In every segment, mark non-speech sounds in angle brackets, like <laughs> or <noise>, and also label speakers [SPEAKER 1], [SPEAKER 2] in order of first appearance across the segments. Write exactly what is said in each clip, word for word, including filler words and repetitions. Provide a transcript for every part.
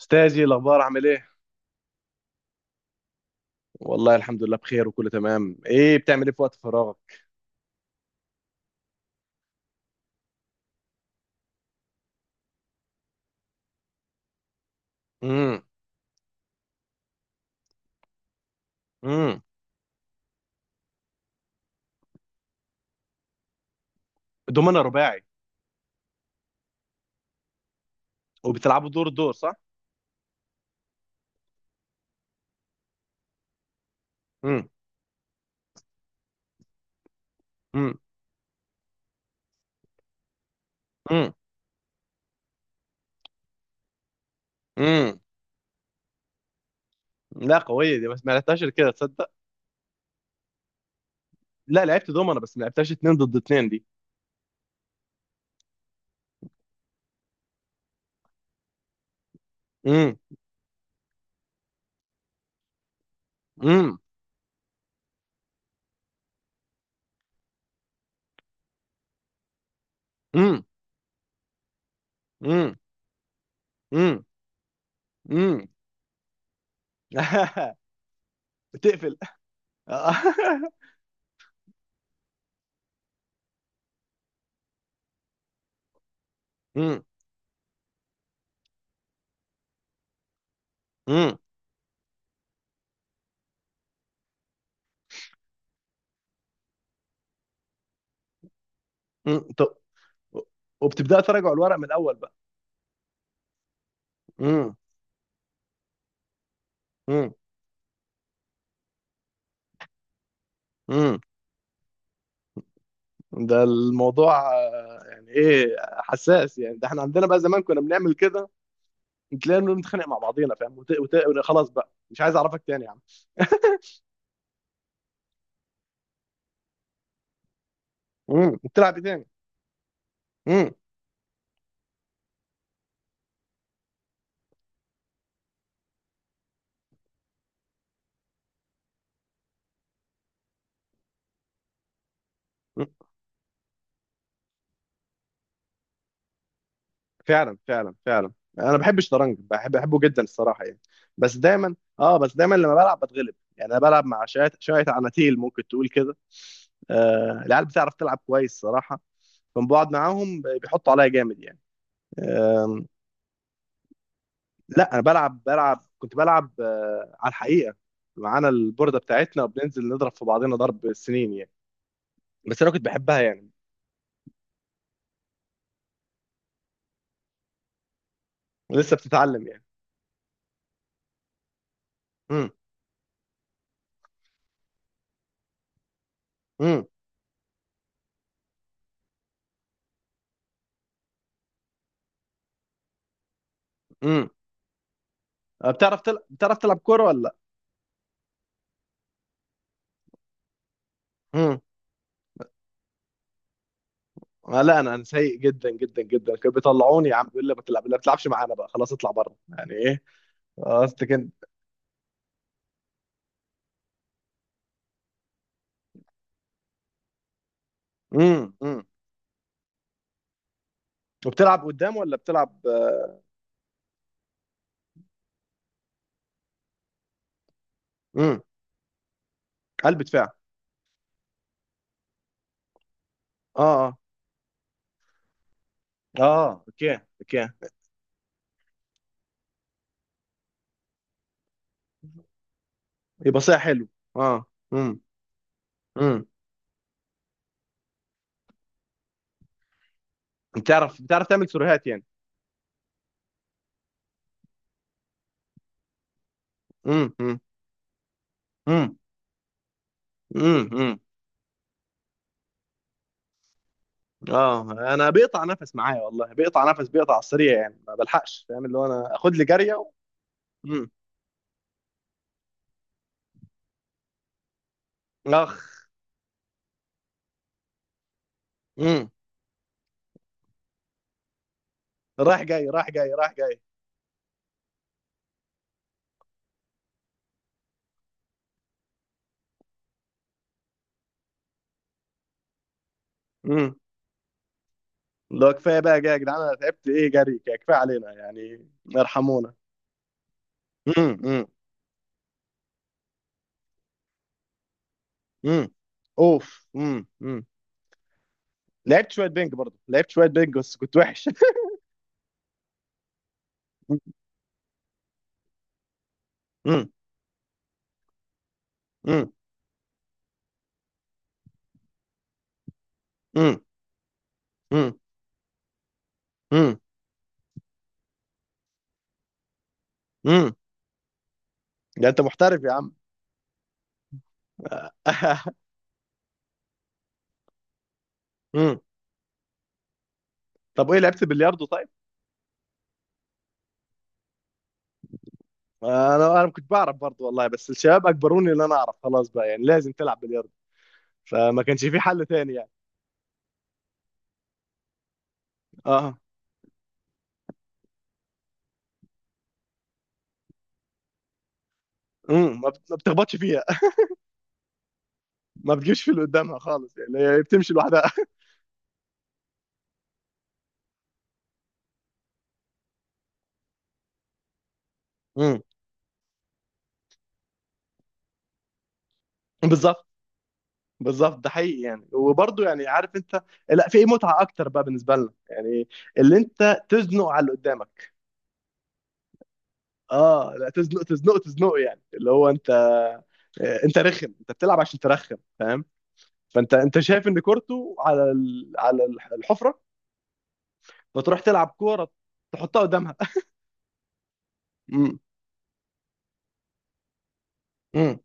[SPEAKER 1] استاذي، الاخبار عامل ايه؟ والله الحمد لله، بخير وكله تمام. ايه، بتعمل ايه في وقت فراغك؟ امم. امم. دومنا رباعي. وبتلعبوا دور دور، صح؟ امم. امم. امم. امم. لا، قويه دي، بس ما لعبتهاش إلا كده، تصدق. لا، لعبت دومنا بس ما لعبتهاش اتنين ضد اتنين دي. امم. امم. امم. امم. امم. امم. <laughs> بتقفل. <laughs> امم. امم. امم. طب، وبتبدأ تراجع الورق من الاول بقى؟ امم. امم. ده الموضوع آه، يعني ايه، حساس يعني، ده احنا عندنا بقى زمان كنا بنعمل كده. تلاقينا بنتخانق مع بعضينا، فاهم؟ وت... وت... خلاص بقى، مش عايز اعرفك تاني يا عم. <laughs> امم. بتلعب ايه تاني؟ امم. فعلا، فعلا، فعلا. انا بحب الشطرنج، بحب بحبه جدا الصراحه يعني. بس دايما اه بس دايما لما بلعب بتغلب، يعني انا بلعب مع شويه شويه عناتيل ممكن تقول كده. آه العيال بتعرف تلعب كويس صراحه. فلما بقعد معاهم بيحطوا عليا جامد، يعني. لا، انا بلعب بلعب كنت بلعب آه، على الحقيقه. معانا البورده بتاعتنا، وبننزل نضرب في بعضنا ضرب السنين يعني. بس انا كنت بحبها يعني. لسه بتتعلم يعني؟ امم. امم. امم. بتعرف تلعب بتعرف تلعب كوره ولا لا؟ امم. آه، لا، انا انا سيء جدا جدا جدا. كانوا بيطلعوني يا عم، بيقول لي ما تلعب، لا بتلعبش معانا بقى خلاص، اطلع بره، يعني ايه. قصدك كده؟ امم. امم. وبتلعب قدام ولا بتلعب آه، امم. قلب دفاع؟ اه، اه، اه، اوكي، اوكي. يبقى صحيح، حلو. اه. امم. بتعرف بتعرف تعمل سيروهات يعني؟ امم. امم. امم. امم. اه. انا بيقطع نفس معايا والله، بيقطع نفس، بيقطع على السريع، يعني ما بلحقش فاهم، اللي هو انا اخد لي جاريه و... امم. اخ. امم. رايح جاي، رايح جاي، رايح جاي. امم. لو كفايه بقى، جاي يا جدعان، انا تعبت، ايه جري كده، كفايه علينا يعني. ارحمونا. امم. امم. امم. اوف. امم. امم. لعبت شويه بينج برضه، لعبت شويه بينج، بس كنت وحش. <laughs> امم. امم. امم. امم. امم. امم. ده انت محترف يا عم. <laughs> طب، وايه، لعبت بلياردو طيب؟ انا انا كنت بعرف برضو والله، بس الشباب اجبروني ان انا اعرف، خلاص بقى يعني، لازم تلعب بلياردو. فما كانش في حل تاني يعني. اه. امم. ما بت- ما بتخبطش فيها. <laughs> ما بتجيبش في اللي قدامها خالص، يعني هي بتمشي لوحدها. امم. بالظبط. بالظبط، ده حقيقي يعني، وبرضه يعني، عارف انت. لا، في متعه اكتر بقى بالنسبه لنا يعني. اللي انت تزنق على اللي قدامك. اه، لا، تزنق تزنق تزنق يعني، اللي هو انت. آه، انت رخم، انت بتلعب عشان ترخم، فاهم. فانت انت شايف ان كورته على ال- على الح- الحفره. فتروح تلعب كوره. تحطها قدامها. <laughs> امم. امم.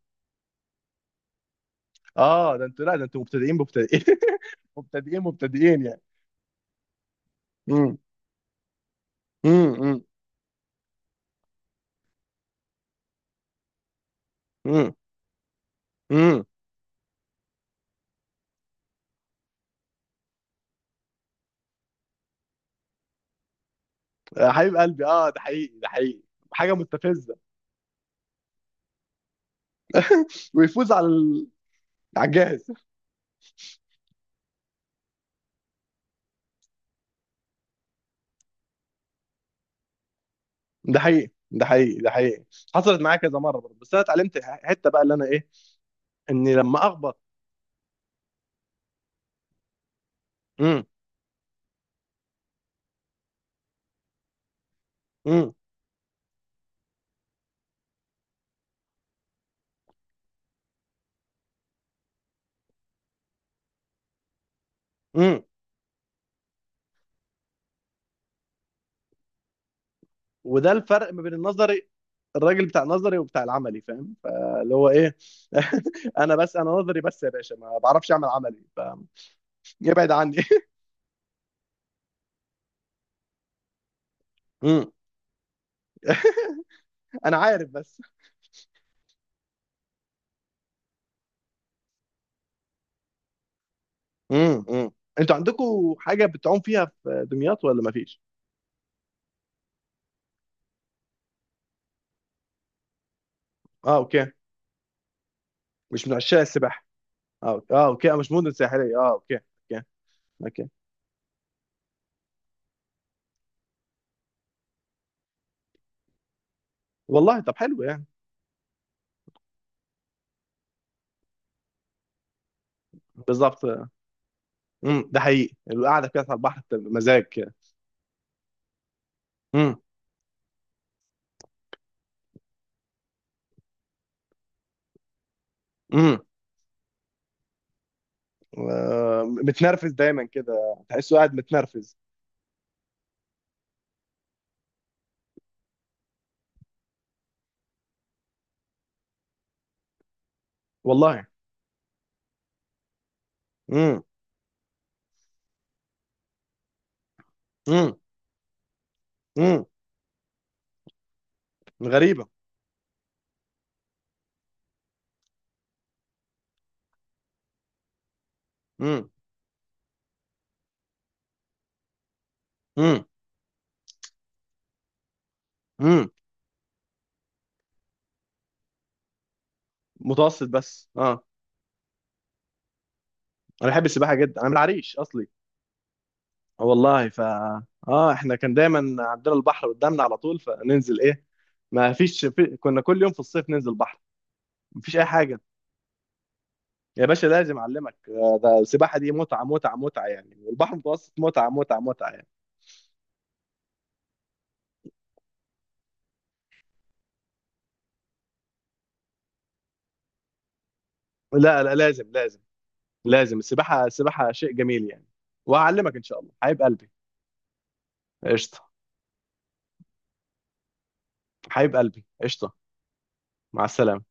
[SPEAKER 1] اه، ده انتوا، لا ده انتوا مبتدئين، مبتدئين. <laughs> مبتدئين مبتدئين يعني. امم. امم. امم. امم. يا حبيب قلبي، اه، ده حقيقي، ده حقيقي. حاجه مستفزه. ويفوز على ال... على الجاهز. ده حقيقي، ده حقيقي، ده حقيقي. حصلت معايا كذا مره برضه، بس انا اتعلمت حته بقى، اللي انا ايه. اني لما اخبط. امم. امم. وده الفرق ما بين النظري، الراجل بتاع النظري وبتاع العملي، فاهم، فاللي هو ايه. <laughs> انا بس انا نظري بس يا باشا، ما بعرفش اعمل عملي ف ابعد عني. <laughs> امم. انا عارف بس. امم. امم. انتوا عندكم حاجه بتعوم فيها في دمياط، ولا ما فيش؟ اه، اوكي. مش من عشاق السباحه؟ اه، أوكي. اه، اوكي، آه، مش مدن ساحليه، اه اوكي. اوكي. اوكي. والله، طب حلو يعني. بالظبط. امم ده حقيقي، القعده كده على البحر بتبقى مزاج كده. امم. امم. آه، متنرفز دايما كده، تحسه قاعد متنرفز. والله. امم. امم. امم. غريبه. امم. امم. امم. متوسط بس، اه. انا بحب السباحه جدا، انا من العريش اصلي. والله ف اه، احنا كان دايما عندنا البحر قدامنا على طول، فننزل ايه. ما فيش في... كنا كل يوم في الصيف ننزل بحر. ما فيش اي حاجه. يا باشا لازم اعلمك، آه، ده السباحه دي متعه متعه متعه يعني، والبحر المتوسط متعه متعه متعه يعني. لا، لا، لازم، لازم. لازم، السباحه السباحه شيء جميل يعني. وهعلمك ان شاء الله، حبيب قلبي، قشطه. حبيب قلبي، قشطه. مع السلامة.